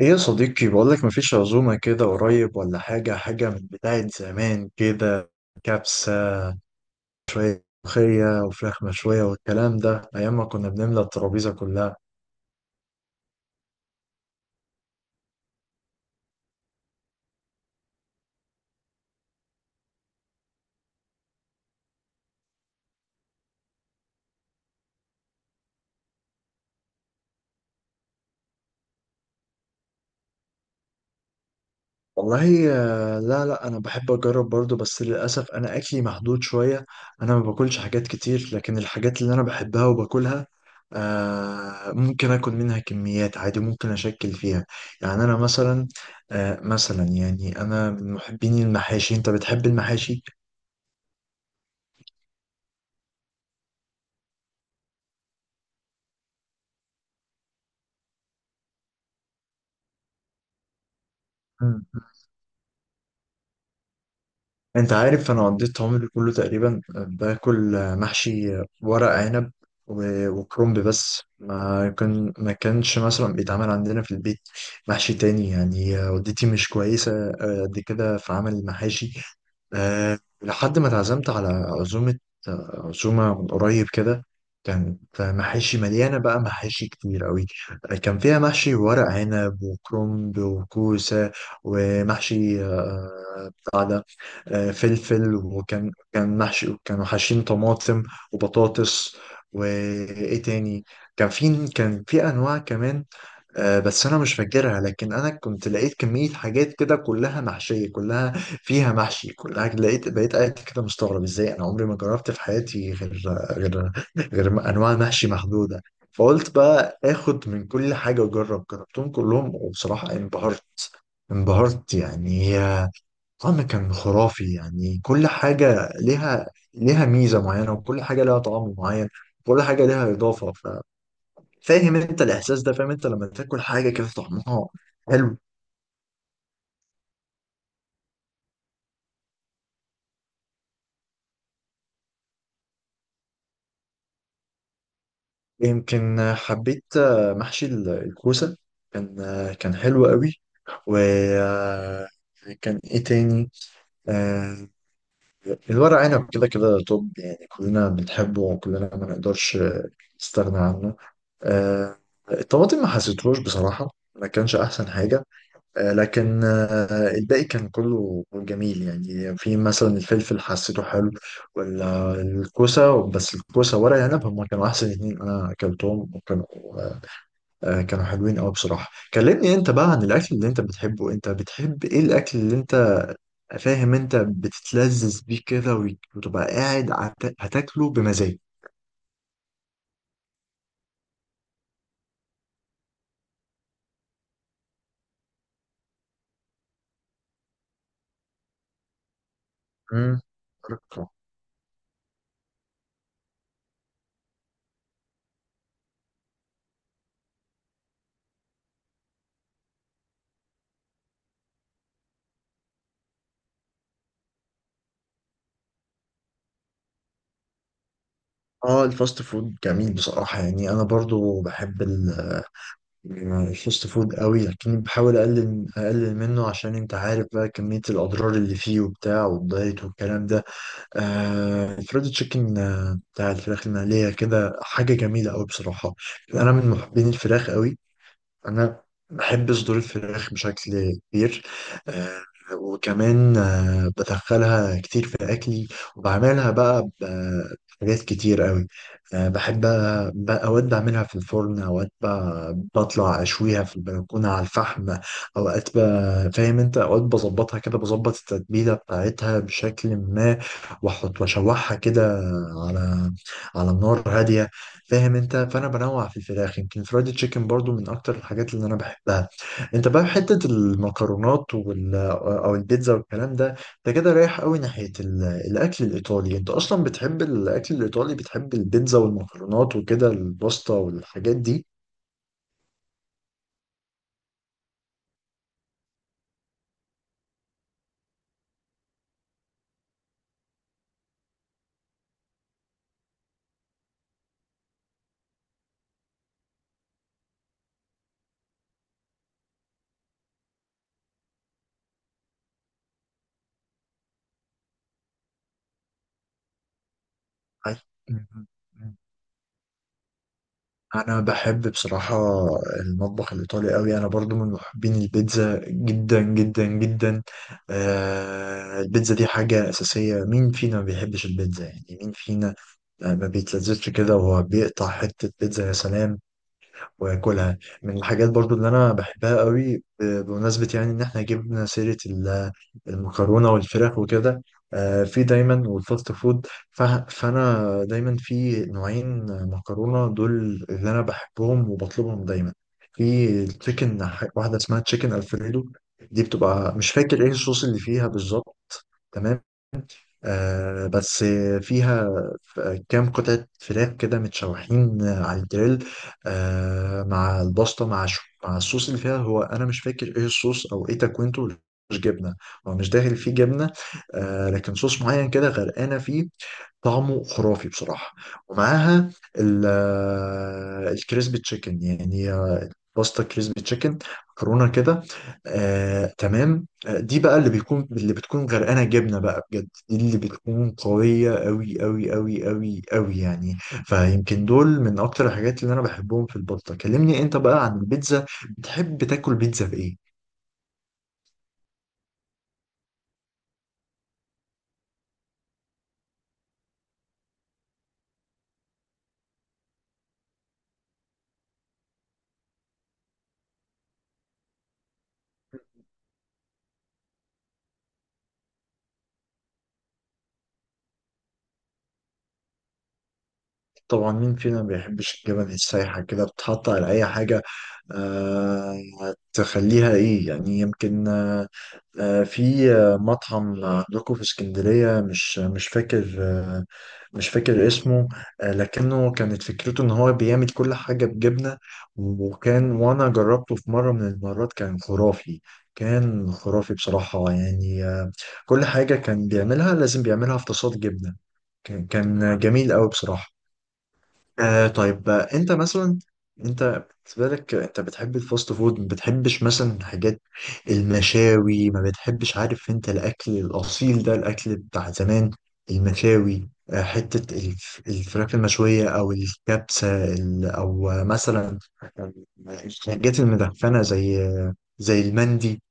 ايه يا صديقي، بقولك مفيش عزومة كده قريب ولا حاجة حاجة من بتاعة زمان؟ كده كبسة، ملوخية وفراخ مشوية والكلام ده، أيام ما كنا بنملى الترابيزة كلها. والله، لا لا، أنا بحب أجرب برضو، بس للأسف أنا أكلي محدود شوية. أنا ما باكلش حاجات كتير، لكن الحاجات اللي أنا بحبها وباكلها، ممكن آكل منها كميات عادي، ممكن أشكل فيها. يعني أنا مثلا، يعني أنا من محبين المحاشي. أنت بتحب المحاشي؟ انت عارف، انا قضيت عمري كله تقريبا باكل محشي ورق عنب وكرنب، بس ما كانش مثلا بيتعمل عندنا في البيت محشي تاني، يعني والدتي مش كويسة قد كده في عمل المحاشي. لحد ما اتعزمت على عزومة، عزومة من قريب كده. كانت محاشي مليانة، بقى محاشي كتير قوي. كان فيها محشي ورق عنب وكرنب وكوسة، ومحشي بتاع ده، فلفل، وكان محشي كانوا حاشين طماطم وبطاطس، وإيه تاني؟ كان في أنواع كمان. بس انا مش فاكرها، لكن انا كنت لقيت كمية حاجات كده، كلها محشية، كلها فيها محشي، كلها لقيت. بقيت قاعد كده مستغرب ازاي انا عمري ما جربت في حياتي غير غير انواع محشي محدودة. فقلت بقى اخد من كل حاجة واجرب، جربتهم كلهم وبصراحة انبهرت، انبهرت يعني، طعم كان خرافي يعني. كل حاجة ليها ميزة معينة، وكل حاجة ليها طعم معين، كل حاجة ليها إضافة. فاهم انت الاحساس ده؟ فاهم انت لما تاكل حاجه كده طعمها حلو؟ يمكن حبيت محشي الكوسه، كان حلو قوي، وكان ايه تاني؟ آه، الورق عنب كده كده، طب يعني كلنا بنحبه، وكلنا ما نقدرش نستغنى عنه. آه، الطماطم ما حسيتهوش بصراحه، ما كانش احسن حاجه. لكن الباقي كان كله جميل، يعني في مثلا الفلفل حسيته حلو، والكوسة، بس الكوسة ورق العنب هما كانوا أحسن اتنين أنا أكلتهم، وكانوا آه، كانوا حلوين أوي بصراحة. كلمني أنت بقى عن الأكل اللي أنت بتحبه، أنت بتحب إيه الأكل اللي أنت، فاهم أنت، بتتلذذ بيه كده وتبقى قاعد هتاكله بمزاج؟ مم. اه، الفاست فود جميل بصراحة، يعني أنا برضو بحب الفاست فود قوي، لكن بحاول اقلل منه، عشان انت عارف بقى كمية الاضرار اللي فيه وبتاع والدايت والكلام ده. الفريد تشيكن، بتاع الفراخ المقلية كده، حاجة جميلة قوي بصراحة. انا من محبين الفراخ قوي. انا بحب صدور الفراخ بشكل كبير. آه، وكمان بدخلها كتير في اكلي، وبعملها بقى بحاجات كتير قوي. بحب اوقات بعملها في الفرن، اوقات بطلع اشويها في البلكونه على الفحم، اوقات فاهم انت؟ اوقات بظبطها كده، بظبط التتبيله بتاعتها بشكل ما، واحط واشوحها كده على على النار هاديه. فاهم انت؟ فانا بنوع في الفراخ. يمكن فرايد تشيكن برضو من اكتر الحاجات اللي انا بحبها. انت بقى حته المكرونات او البيتزا والكلام ده، انت كده رايح قوي ناحيه الاكل الايطالي. انت اصلا بتحب الاكل الايطالي؟ بتحب البيتزا والمكرونات وكده الباستا والحاجات دي؟ أي. انا بحب بصراحة المطبخ الايطالي قوي. انا برضو من محبين البيتزا جدا جدا جدا. البيتزا دي حاجة اساسية. مين فينا ما بيحبش البيتزا؟ يعني مين فينا ما بيتلذذش كده وهو بيقطع حتة بيتزا، يا سلام واكلها. من الحاجات برضو اللي انا بحبها قوي، بمناسبة يعني ان احنا جبنا سيرة المكرونة والفراخ وكده، في دايما والفاست فود، ف- فانا دايما في نوعين مكرونة دول اللي انا بحبهم وبطلبهم دايما. في التشيكن، واحدة اسمها تشيكن الفريدو، دي بتبقى مش فاكر ايه الصوص اللي فيها بالظبط، تمام، بس فيها كام قطعة فراخ كده متشوحين على الجريل، مع البسطة، مع شو، مع الصوص اللي فيها. هو أنا مش فاكر إيه الصوص أو إيه تكوينته. مش جبنة، هو مش داخل فيه جبنة، لكن صوص معين كده غرقانة فيه، طعمه خرافي بصراحة. ومعاها ال- الكريسبي تشيكن يعني، باستا كريسبي تشيكن، مكرونة كده. تمام، دي بقى اللي بتكون غرقانة جبنة بقى بجد، دي اللي بتكون قوية أوي أوي أوي أوي أوي يعني. فيمكن دول من أكتر الحاجات اللي أنا بحبهم في الباستا. كلمني أنت بقى عن البيتزا، بتحب تاكل بيتزا بإيه؟ طبعا، مين فينا ما بيحبش الجبن السايحة كده، بتحط على أي حاجة، آه تخليها إيه يعني؟ يمكن في مطعم عندكم في اسكندرية، مش فاكر، مش فاكر اسمه، لكنه كانت فكرته إن هو بيعمل كل حاجة بجبنة، وأنا جربته في مرة من المرات، كان خرافي، كان خرافي بصراحة يعني. كل حاجة كان بيعملها لازم بيعملها في تصاد جبنة. كان جميل أوي بصراحة. طيب، انت مثلا، انت بالنسبه لك انت بتحب الفاست فود، ما بتحبش مثلا حاجات المشاوي؟ ما بتحبش؟ عارف انت، الاكل الاصيل ده، الاكل بتاع زمان، المشاوي، حته الفراخ المشويه، او الكبسه، ال- او آه، مثلا الحاجات المدخنه زي المندي.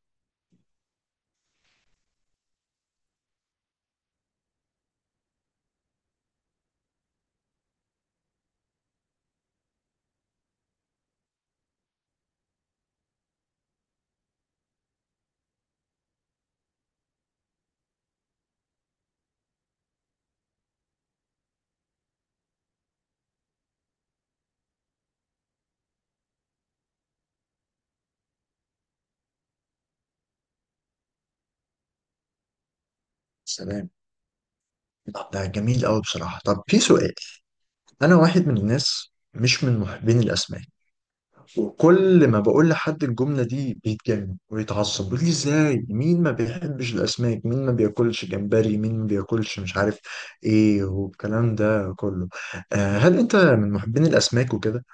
سلام. طب ده جميل قوي بصراحه. طب في سؤال، انا واحد من الناس مش من محبين الاسماك، وكل ما بقول لحد الجملة دي بيتجنن ويتعصب، بيقول لي ازاي؟ مين ما بيحبش الأسماك؟ مين ما بياكلش جمبري؟ مين ما بياكلش مش عارف ايه، والكلام ده كله. هل انت من محبين الأسماك وكده؟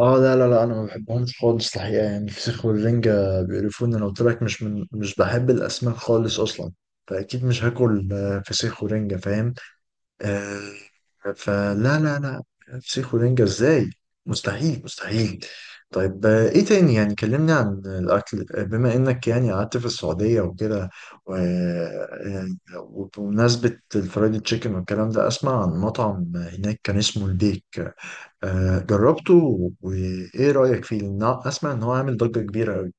اه، لا لا لا، انا ما بحبهمش خالص الحقيقة، يعني الفسيخ والرنجة بيقرفوني. انا قلت لك، مش بحب الأسماك خالص أصلا، فأكيد مش هاكل فسيخ ورنجة، فاهم؟ آه، فلا لا لا، فسيخ ورنجة ازاي؟ مستحيل مستحيل. طيب ايه تاني؟ يعني كلمني عن الاكل، بما انك يعني قعدت في السعودية وكده و- آه، وبمناسبة الفرايد تشيكن والكلام ده، اسمع عن مطعم هناك كان اسمه البيك، جربته وايه رأيك فيه؟ لأن اسمع ان هو عامل ضجة كبيرة قوي.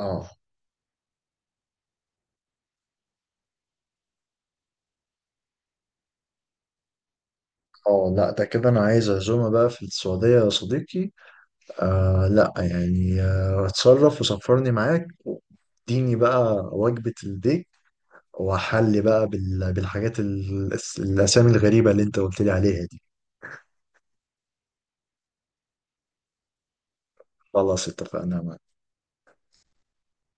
اه، اه، لا، ده كده انا عايز عزومة بقى في السعودية يا صديقي. لا يعني، اتصرف وسفرني معاك، اديني بقى وجبة الديك، وحل بقى بالحاجات الأسامي الغريبة اللي أنت قلت لي عليها دي. خلاص اتفقنا.